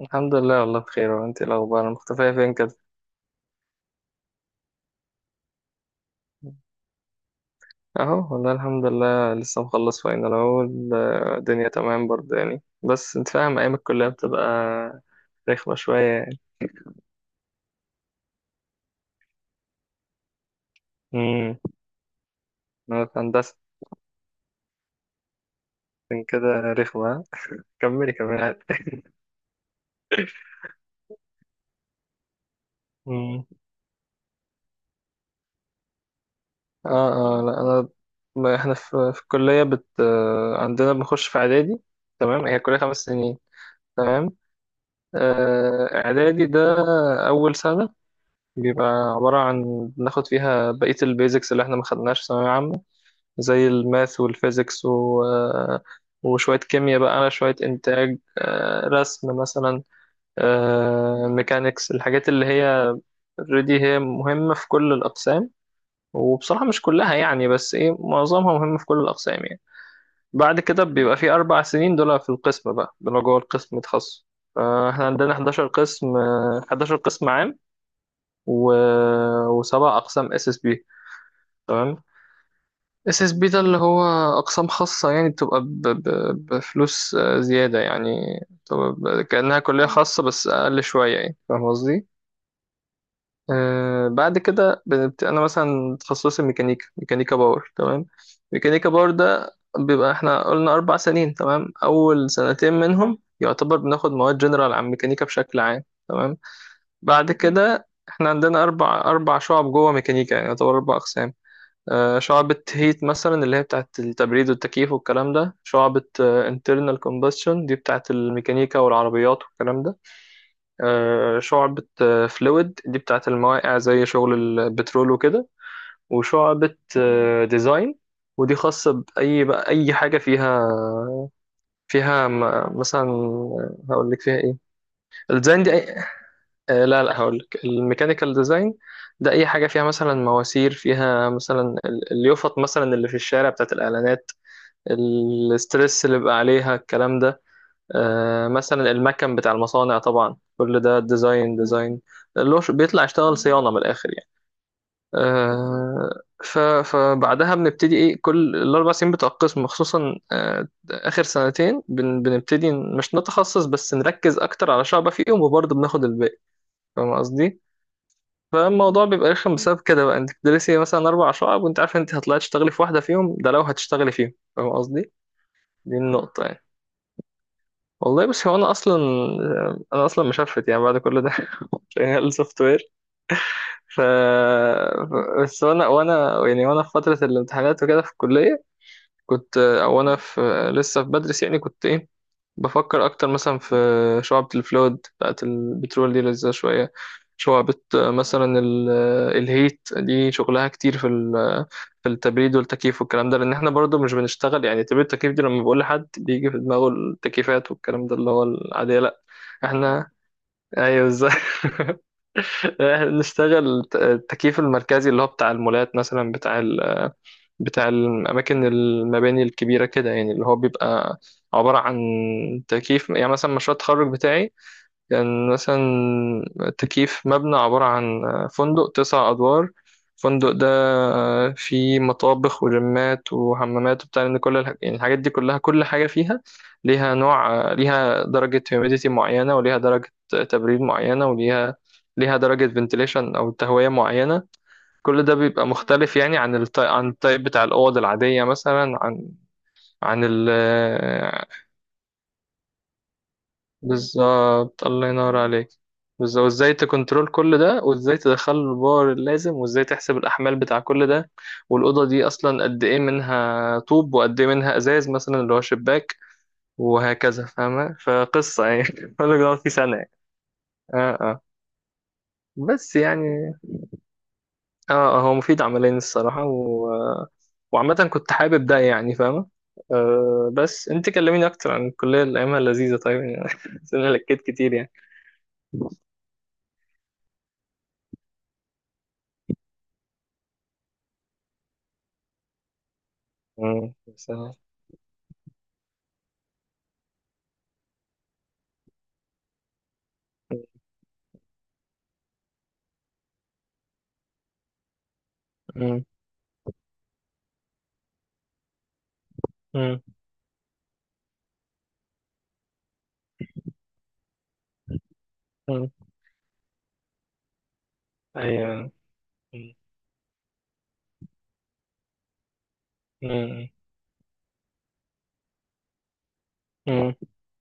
الحمد لله، والله بخير. وانت ايه الاخبار؟ مختفيه فين كده؟ اهو والله، الحمد لله، لسه مخلص فاينل اهو. الدنيا تمام برضه يعني، بس انت فاهم ايام الكليه بتبقى رخمه شويه يعني. امم انا في هندسه، عشان كده رخمه. كملي كملي عادي. امم. اه اه، لا انا، ما احنا في الكليه بت آه، عندنا بنخش في اعدادي. تمام، هي كليه 5 سنين. تمام، اعدادي ده اول سنه بيبقى عبارة عن بناخد فيها بقية البيزكس اللي احنا ما خدناش في ثانوية عامة، زي الماث والفيزيكس و... آه، وشوية كيمياء بقى، شوية إنتاج، رسم مثلا، ميكانيكس، الحاجات اللي هي اوريدي هي مهمة في كل الأقسام. وبصراحة مش كلها يعني، بس ايه، معظمها مهمة في كل الأقسام يعني. بعد كده بيبقى في 4 سنين، دول في القسم بقى، دول جوه القسم تخصص. فاحنا عندنا 11 قسم، 11 قسم عام، و وسبع أقسام SSB. تمام. SSB ده اللي هو اقسام خاصه يعني، بتبقى بفلوس، زياده يعني، بتبقى كانها كليه خاصه بس اقل شويه يعني. فاهم قصدي؟ بعد كده انا مثلا تخصصي ميكانيكا باور. تمام. ميكانيكا باور ده بيبقى احنا قلنا 4 سنين. تمام، اول سنتين منهم يعتبر بناخد مواد جنرال عن ميكانيكا بشكل عام. تمام. بعد كده احنا عندنا اربع شعب جوه ميكانيكا، يعني يعتبر 4 اقسام. شعبة هيت مثلا اللي هي بتاعت التبريد والتكييف والكلام ده. شعبة internal combustion دي بتاعت الميكانيكا والعربيات والكلام ده. شعبة فلويد دي بتاعت المواقع، زي شغل البترول وكده. وشعبة ديزاين، ودي خاصة بأي بقى، أي حاجة فيها مثلا، هقول لك فيها ايه. الديزاين دي أي... آه، لا لا، هقول لك الميكانيكال ديزاين. ده اي حاجه فيها مثلا مواسير، فيها مثلا اليافط مثلا اللي في الشارع بتاعت الاعلانات، الاسترس اللي بقى عليها الكلام ده، مثلا المكن بتاع المصانع. طبعا كل ده ديزاين ديزاين، اللي هو بيطلع يشتغل صيانة من الآخر يعني. فبعدها بنبتدي ايه، كل ال4 سنين بتوع القسم، خصوصا آخر سنتين بنبتدي مش نتخصص بس نركز أكتر على شعبة فيهم، وبرضه بناخد الباقي. فاهم قصدي؟ فالموضوع بيبقى رخم بسبب كده بقى. انت بتدرسي مثلا 4 شعب وانت عارفة انت هتطلعي تشتغلي في واحدة فيهم، ده لو هتشتغلي فيهم. فاهم قصدي؟ دي النقطة يعني. والله، بس هو انا اصلا، مشفت يعني بعد كل ده. شغال سوفت وير. ف بس وانا يعني وانا في فتره الامتحانات وكده في الكليه كنت، او انا في لسه في بدرس يعني، كنت ايه، بفكر اكتر مثلا في شعبة الفلود بتاعت البترول، دي لذيذة شوية. شعبة آه، مثلا ال- آه، الهيت دي شغلها كتير في ال- آه، في التبريد والتكييف والكلام ده، لان احنا برضو مش بنشتغل يعني تبريد التكييف دي. لما بقول لحد بيجي في دماغه التكييفات والكلام ده اللي هو العادية. لا. احنا ايوه، ازاي؟ احنا بنشتغل التكييف المركزي اللي هو بتاع المولات مثلا، بتاع بتاع الأماكن، المباني الكبيرة كده يعني، اللي هو بيبقى عبارة عن تكييف، يعني مثلا مشروع التخرج بتاعي كان مثلا تكييف مبنى عبارة عن فندق 9 أدوار. الفندق ده فيه مطابخ وجمات وحمامات وبتاع، لأن كل يعني الحاجات دي كلها، كل حاجة فيها ليها نوع، ليها درجة humidity معينة، وليها درجة تبريد معينة، وليها درجة ventilation أو تهوية معينة. كل ده بيبقى مختلف يعني عن التايب بتاع الأوض العادية مثلا، عن عن ال بالظبط. الله ينور عليك، بالظبط. وازاي تكنترول كل ده، وازاي تدخل له الباور اللازم، وازاي تحسب الأحمال بتاع كل ده. والأوضة دي أصلا قد إيه منها طوب وقد إيه منها إزاز مثلا اللي هو شباك. وهكذا، فاهمة فقصة يعني. كل ده في سنة يعني. اه اه. بس يعني، اه هو مفيد عمليا الصراحة وعامة كنت حابب ده يعني، فاهمة. بس انت كلميني اكتر عن الكلية اللي ايامها لذيذة طيب يعني. بس انا لكيت كتير يعني. مم. مم. مم. مم. ايوه. مم. مم. مم.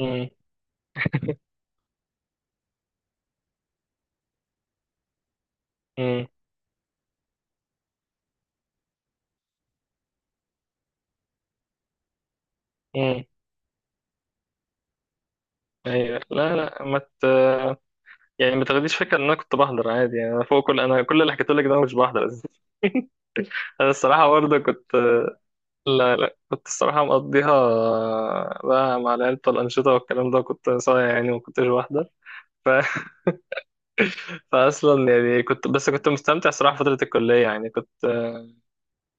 مم. مم. مم. ايوه. لا لا، ما ت... يعني ما تاخديش فكرة ان انا كنت بحضر عادي يعني، انا كل اللي حكيت لك ده أنا مش بحضر. انا الصراحة برضه كنت. لا لا، كنت الصراحة مقضيها، بقى مع العيلة والأنشطة والكلام ده. كنت صايع يعني ما كنتش واحدة. ف... فأصلا يعني كنت، بس كنت مستمتع صراحة فترة الكلية يعني،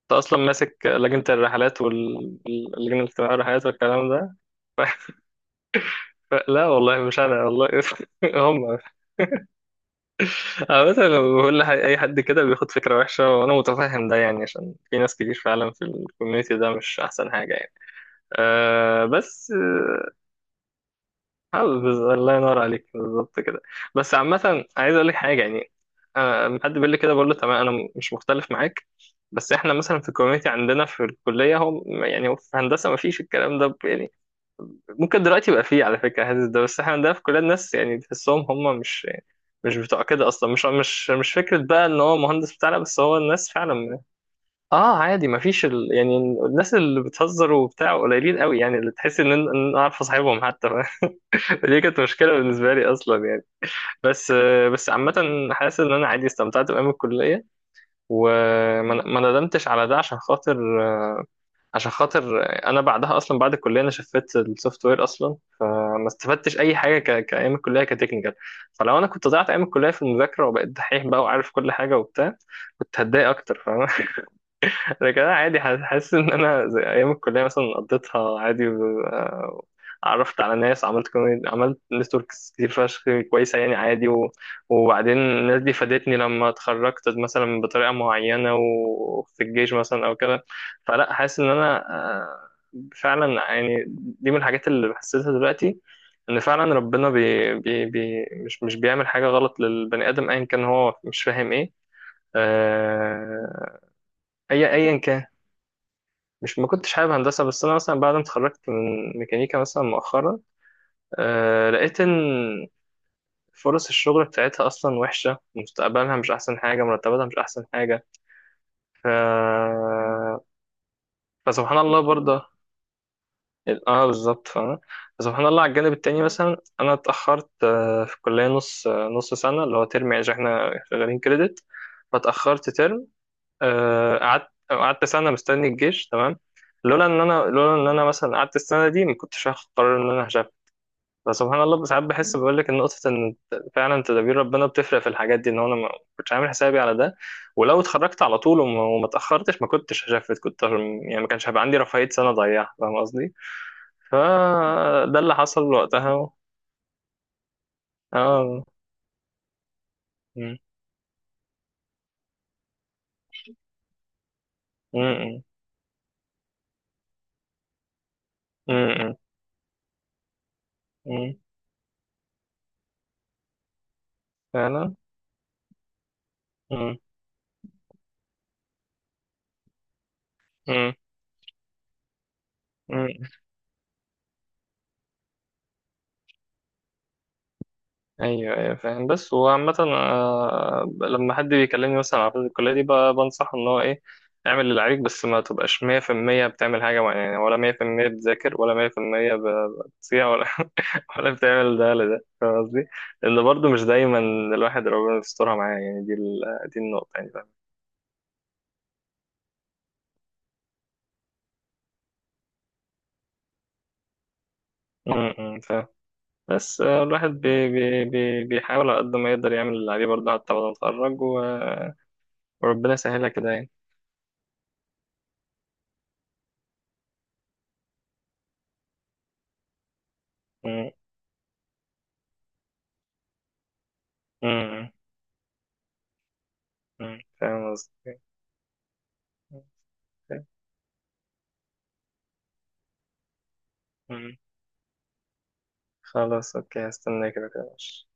كنت أصلا ماسك لجنة الرحلات واللجنة الاجتماعية والرحلات والكلام ده. ف... لا والله مش أنا والله. هم. عامة لما بقول أي حد كده بياخد فكرة وحشة، وأنا متفهم ده يعني، عشان في ناس كتير فعلا في الكوميونتي ده مش أحسن حاجة يعني. أه، بس الله ينور عليك، بالظبط كده. بس عامة عايز اقول لك حاجة يعني، أنا لما حد بيقول لي كده بقول له تمام انا، مش مختلف معاك. بس احنا مثلا في الكوميونتي عندنا في الكلية هو، يعني هو في هندسة ما فيش الكلام ده، يعني ممكن دلوقتي يبقى فيه على فكرة هذا ده. بس احنا عندنا في الكلية الناس يعني تحسهم هم مش بتوع كده اصلا، مش فكرة بقى ان هو مهندس بتاعنا، بس هو الناس فعلا. اه عادي، ما فيش يعني الناس اللي بتهزر وبتاع قليلين قوي يعني، اللي تحس ان إن- إن انا اعرف اصاحبهم حتى. دي كانت مشكلة بالنسبة لي أصلا يعني. بس بس عامة حاسس إن أنا عادي استمتعت بأيام الكلية، وما ما ندمتش على ده، عشان خاطر أنا بعدها أصلا، بعد الكلية أنا شفت السوفت وير أصلا ما استفدتش أي حاجة كأيام الكلية كتكنيكال. فلو أنا كنت ضيعت أيام الكلية في المذاكرة وبقيت دحيح بقى وعارف كل حاجة وبتاع، كنت هتضايق أكتر. فاهم؟ لكن انا عادي حاسس ان انا زي ايام الكليه مثلا قضيتها عادي عرفت على ناس، عملت نتوركس كتير فشخ، كويسه يعني عادي. وبعدين الناس دي فادتني لما اتخرجت مثلا بطريقه معينه، وفي الجيش مثلا او كده. فلا، حاسس ان انا، آه، فعلا يعني دي من الحاجات اللي بحسسها دلوقتي، ان فعلا ربنا مش بيعمل حاجه غلط للبني ادم ايا كان هو مش فاهم ايه. آه، اي ايا كان. مش ما كنتش حابب هندسة، بس أنا مثلا بعد ما اتخرجت من ميكانيكا مثلا مؤخرا، لقيت إن فرص الشغل بتاعتها أصلا وحشة، مستقبلها مش أحسن حاجة، مرتباتها مش أحسن حاجة. ف... فسبحان الله برضه. اه، بالظبط، فاهم. فسبحان الله على الجانب التاني، مثلا أنا اتأخرت في الكلية نص سنة اللي هو ترم يعني، عشان احنا شغالين كريدت، فاتأخرت ترم. قعدت سنة مستني الجيش. تمام. لولا ان انا مثلا قعدت السنه دي، ما كنتش هاخد قرار ان انا هشغل. بس سبحان الله ساعات بحس، بقول لك النقطة إن فعلا تدابير ربنا بتفرق في الحاجات دي، إن هو أنا ما كنتش عامل حسابي على ده. ولو اتخرجت على طول وما اتأخرتش، ما كنتش هشفت، كنت يعني ما كانش هيبقى عندي رفاهية سنة أضيعها. فاهم قصدي؟ فده اللي حصل وقتها. آه م- م- م- م- م- فعلا. م- م- م- ايوه ايوه، فاهم. بس وعامة، لما حد بيكلمني مثلا على فترة الكلية دي بنصحه ان هو ايه، اعمل اللي عليك، بس ما تبقاش 100% بتعمل حاجة معينة يعني، ولا 100% بتذاكر، ولا 100% بتصيع ولا ولا بتعمل ده ولا ده. فاهم قصدي؟ لأن برضه مش دايما الواحد ربنا يسترها معاه يعني، دي النقطة يعني. فاهم؟ م- م، فاهم بس الواحد بي بي بي بيحاول على قد ما يقدر يعمل اللي عليه برضه حتى بعد ما يتخرج وربنا يسهلها كده يعني. م- م- م، فاهم قصدي؟ مم. خلاص، اوكي، هستناك كده كده، ماشي.